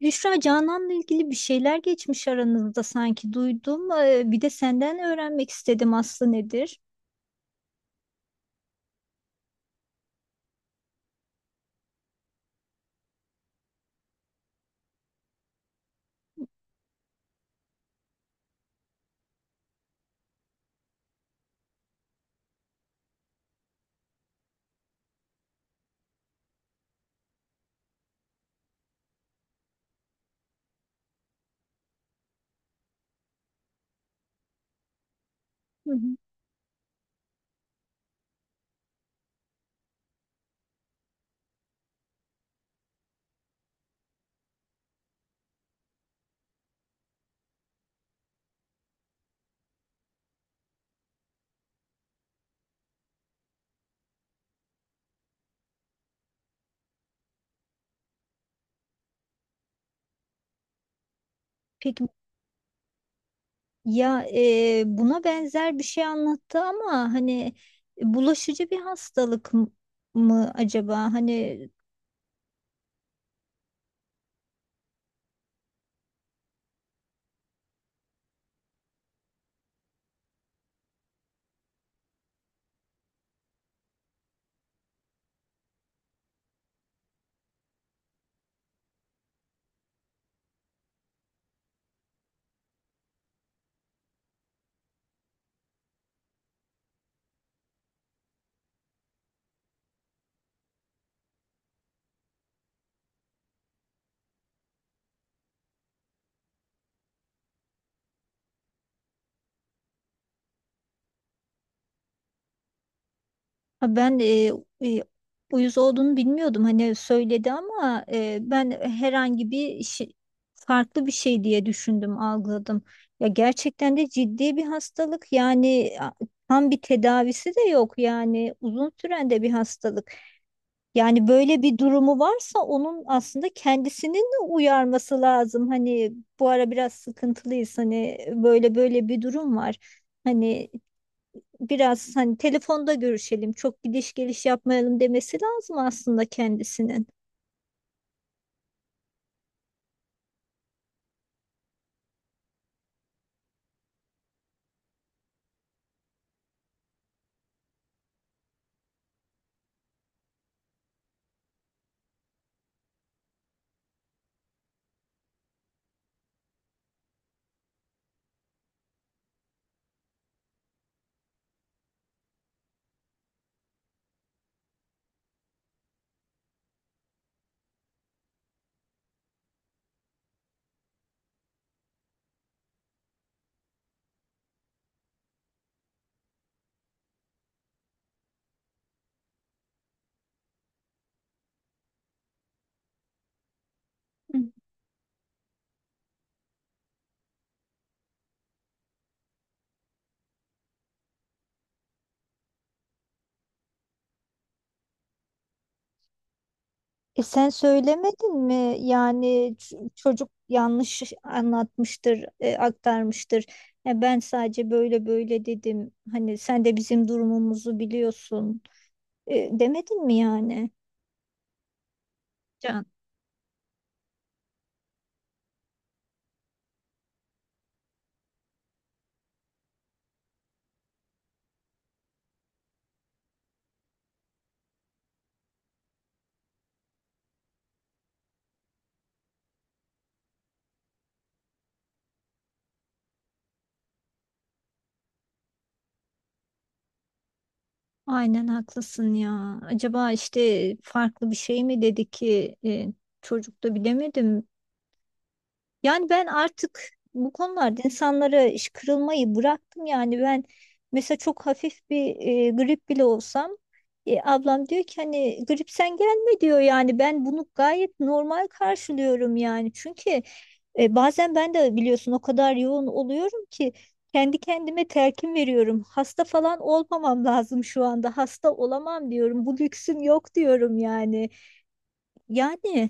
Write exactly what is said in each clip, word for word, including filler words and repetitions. Büşra Canan'la ilgili bir şeyler geçmiş aranızda sanki duydum. Ee, bir de senden öğrenmek istedim aslı nedir? Hı hı. Peki ya e, buna benzer bir şey anlattı ama hani bulaşıcı bir hastalık m- mı acaba? Hani ha, ben e, e, uyuz olduğunu bilmiyordum. Hani söyledi ama e, ben herhangi bir şey, farklı bir şey diye düşündüm, algıladım. Ya gerçekten de ciddi bir hastalık. Yani a- tam bir tedavisi de yok. Yani uzun süren de bir hastalık. Yani böyle bir durumu varsa onun aslında kendisinin de uyarması lazım. Hani bu ara biraz sıkıntılıyız. Hani böyle böyle bir durum var. Hani biraz hani telefonda görüşelim, çok gidiş geliş yapmayalım demesi lazım aslında kendisinin. Hı. E sen söylemedin mi? Yani ç- çocuk yanlış anlatmıştır, e, aktarmıştır. Ya ben sadece böyle böyle dedim. Hani sen de bizim durumumuzu biliyorsun. E, demedin mi yani? Can, aynen haklısın ya. Acaba işte farklı bir şey mi dedi ki e, çocuk da bilemedim. Yani ben artık bu konularda insanlara iş kırılmayı bıraktım. Yani ben mesela çok hafif bir e, grip bile olsam e, ablam diyor ki hani grip sen gelme diyor, yani ben bunu gayet normal karşılıyorum yani. Çünkü e, bazen ben de biliyorsun o kadar yoğun oluyorum ki kendi kendime telkin veriyorum. Hasta falan olmamam lazım, şu anda hasta olamam diyorum, bu lüksüm yok diyorum yani. Yani.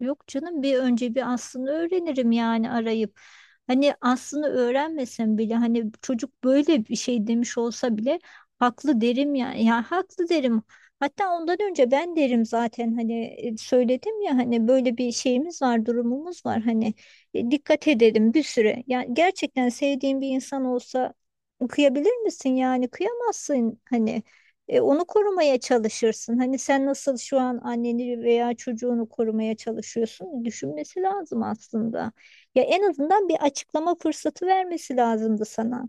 Yok canım bir önce bir aslını öğrenirim yani arayıp. Hani aslını öğrenmesem bile hani çocuk böyle bir şey demiş olsa bile haklı derim ya. Ya haklı derim. Hatta ondan önce ben derim zaten hani e, söyledim ya hani böyle bir şeyimiz var, durumumuz var hani e, dikkat edelim bir süre. Yani gerçekten sevdiğin bir insan olsa kıyabilir misin, yani kıyamazsın hani e, onu korumaya çalışırsın. Hani sen nasıl şu an anneni veya çocuğunu korumaya çalışıyorsun? Düşünmesi lazım aslında. Ya en azından bir açıklama fırsatı vermesi lazımdı sana.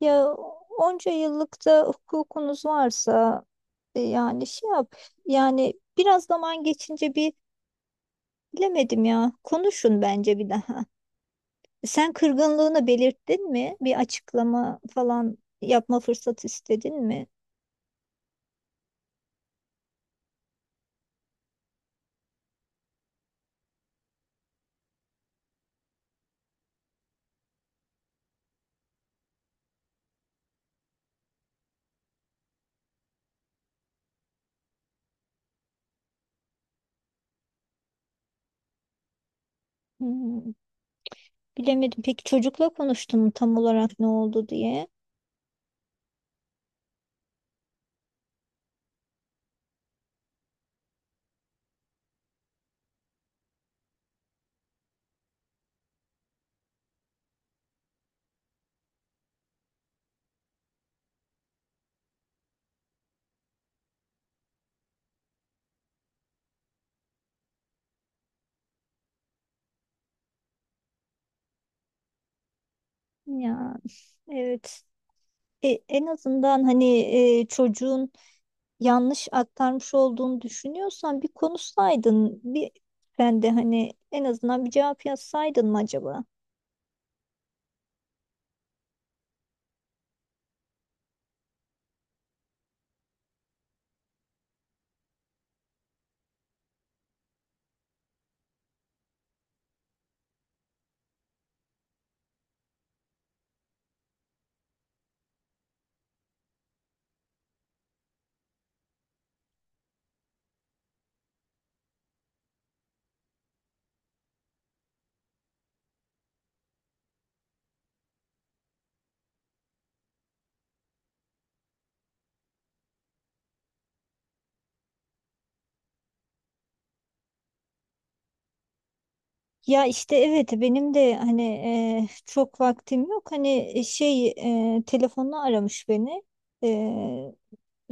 Ya onca yıllık da hukukunuz varsa e, yani şey yap. Yani biraz zaman geçince bir bilemedim ya. Konuşun bence bir daha. Sen kırgınlığını belirttin mi? Bir açıklama falan yapma fırsatı istedin mi? Hmm. Bilemedim. Peki çocukla konuştun mu tam olarak ne oldu diye? Ya evet. E, en azından hani e, çocuğun yanlış aktarmış olduğunu düşünüyorsan bir konuşsaydın. Bir ben de hani en azından bir cevap yazsaydın mı acaba? Ya işte evet, benim de hani e, çok vaktim yok. Hani e, şey e, telefonla aramış beni. E,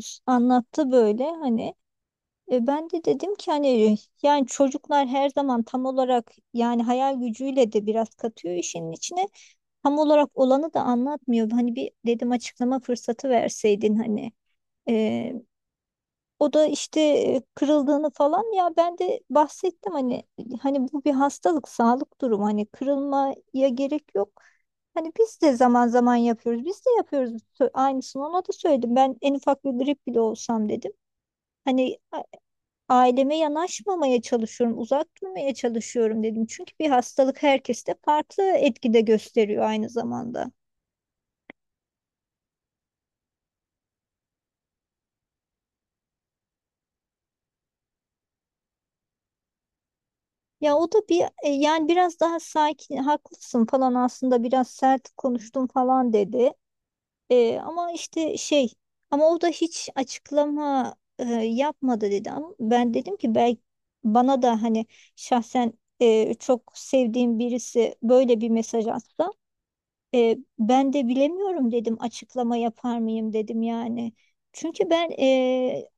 s- Anlattı böyle hani. E ben de dedim ki hani e, yani çocuklar her zaman tam olarak yani hayal gücüyle de biraz katıyor işin içine. Tam olarak olanı da anlatmıyor. Hani bir dedim açıklama fırsatı verseydin hani. E, O da işte e, kırıldığını falan, ya ben de bahsettim hani hani bu bir hastalık sağlık durumu, hani kırılmaya gerek yok. Hani biz de zaman zaman yapıyoruz. Biz de yapıyoruz. Sö- aynısını ona da söyledim. Ben en ufak bir grip bile olsam dedim. Hani aileme yanaşmamaya çalışıyorum, uzak durmaya çalışıyorum dedim. Çünkü bir hastalık herkeste farklı etkide gösteriyor aynı zamanda. Ya o da bir e, yani biraz daha sakin, haklısın falan, aslında biraz sert konuştum falan dedi. E, ama işte şey, ama o da hiç açıklama e, yapmadı dedi. Ama ben dedim ki belki bana da hani şahsen e, çok sevdiğim birisi böyle bir mesaj atsa, E, ben de bilemiyorum dedim, açıklama yapar mıyım dedim yani. Çünkü ben e,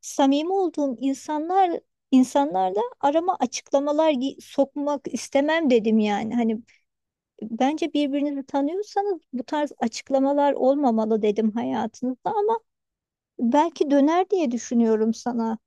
samimi olduğum insanlar insanlarda arama açıklamalar gi- sokmak istemem dedim yani. Hani bence birbirinizi tanıyorsanız bu tarz açıklamalar olmamalı dedim hayatınızda, ama belki döner diye düşünüyorum sana.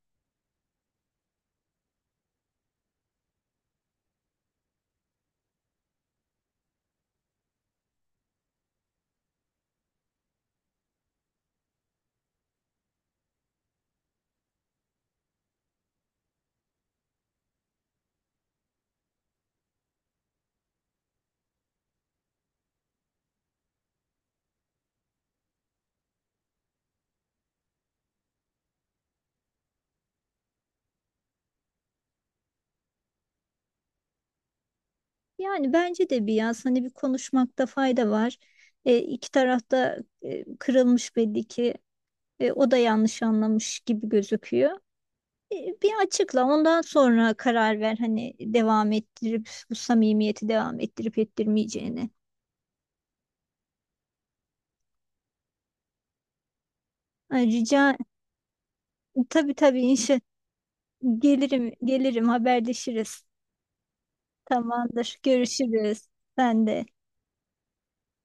Yani bence de bir yaz, hani bir konuşmakta fayda var. E, iki tarafta kırılmış belli ki. E, o da yanlış anlamış gibi gözüküyor. E, Bir açıkla, ondan sonra karar ver hani devam ettirip bu samimiyeti devam ettirip ettirmeyeceğini. Ay, rica. Tabii tabii, inşa, gelirim gelirim, haberleşiriz. Tamamdır, görüşürüz. Ben de.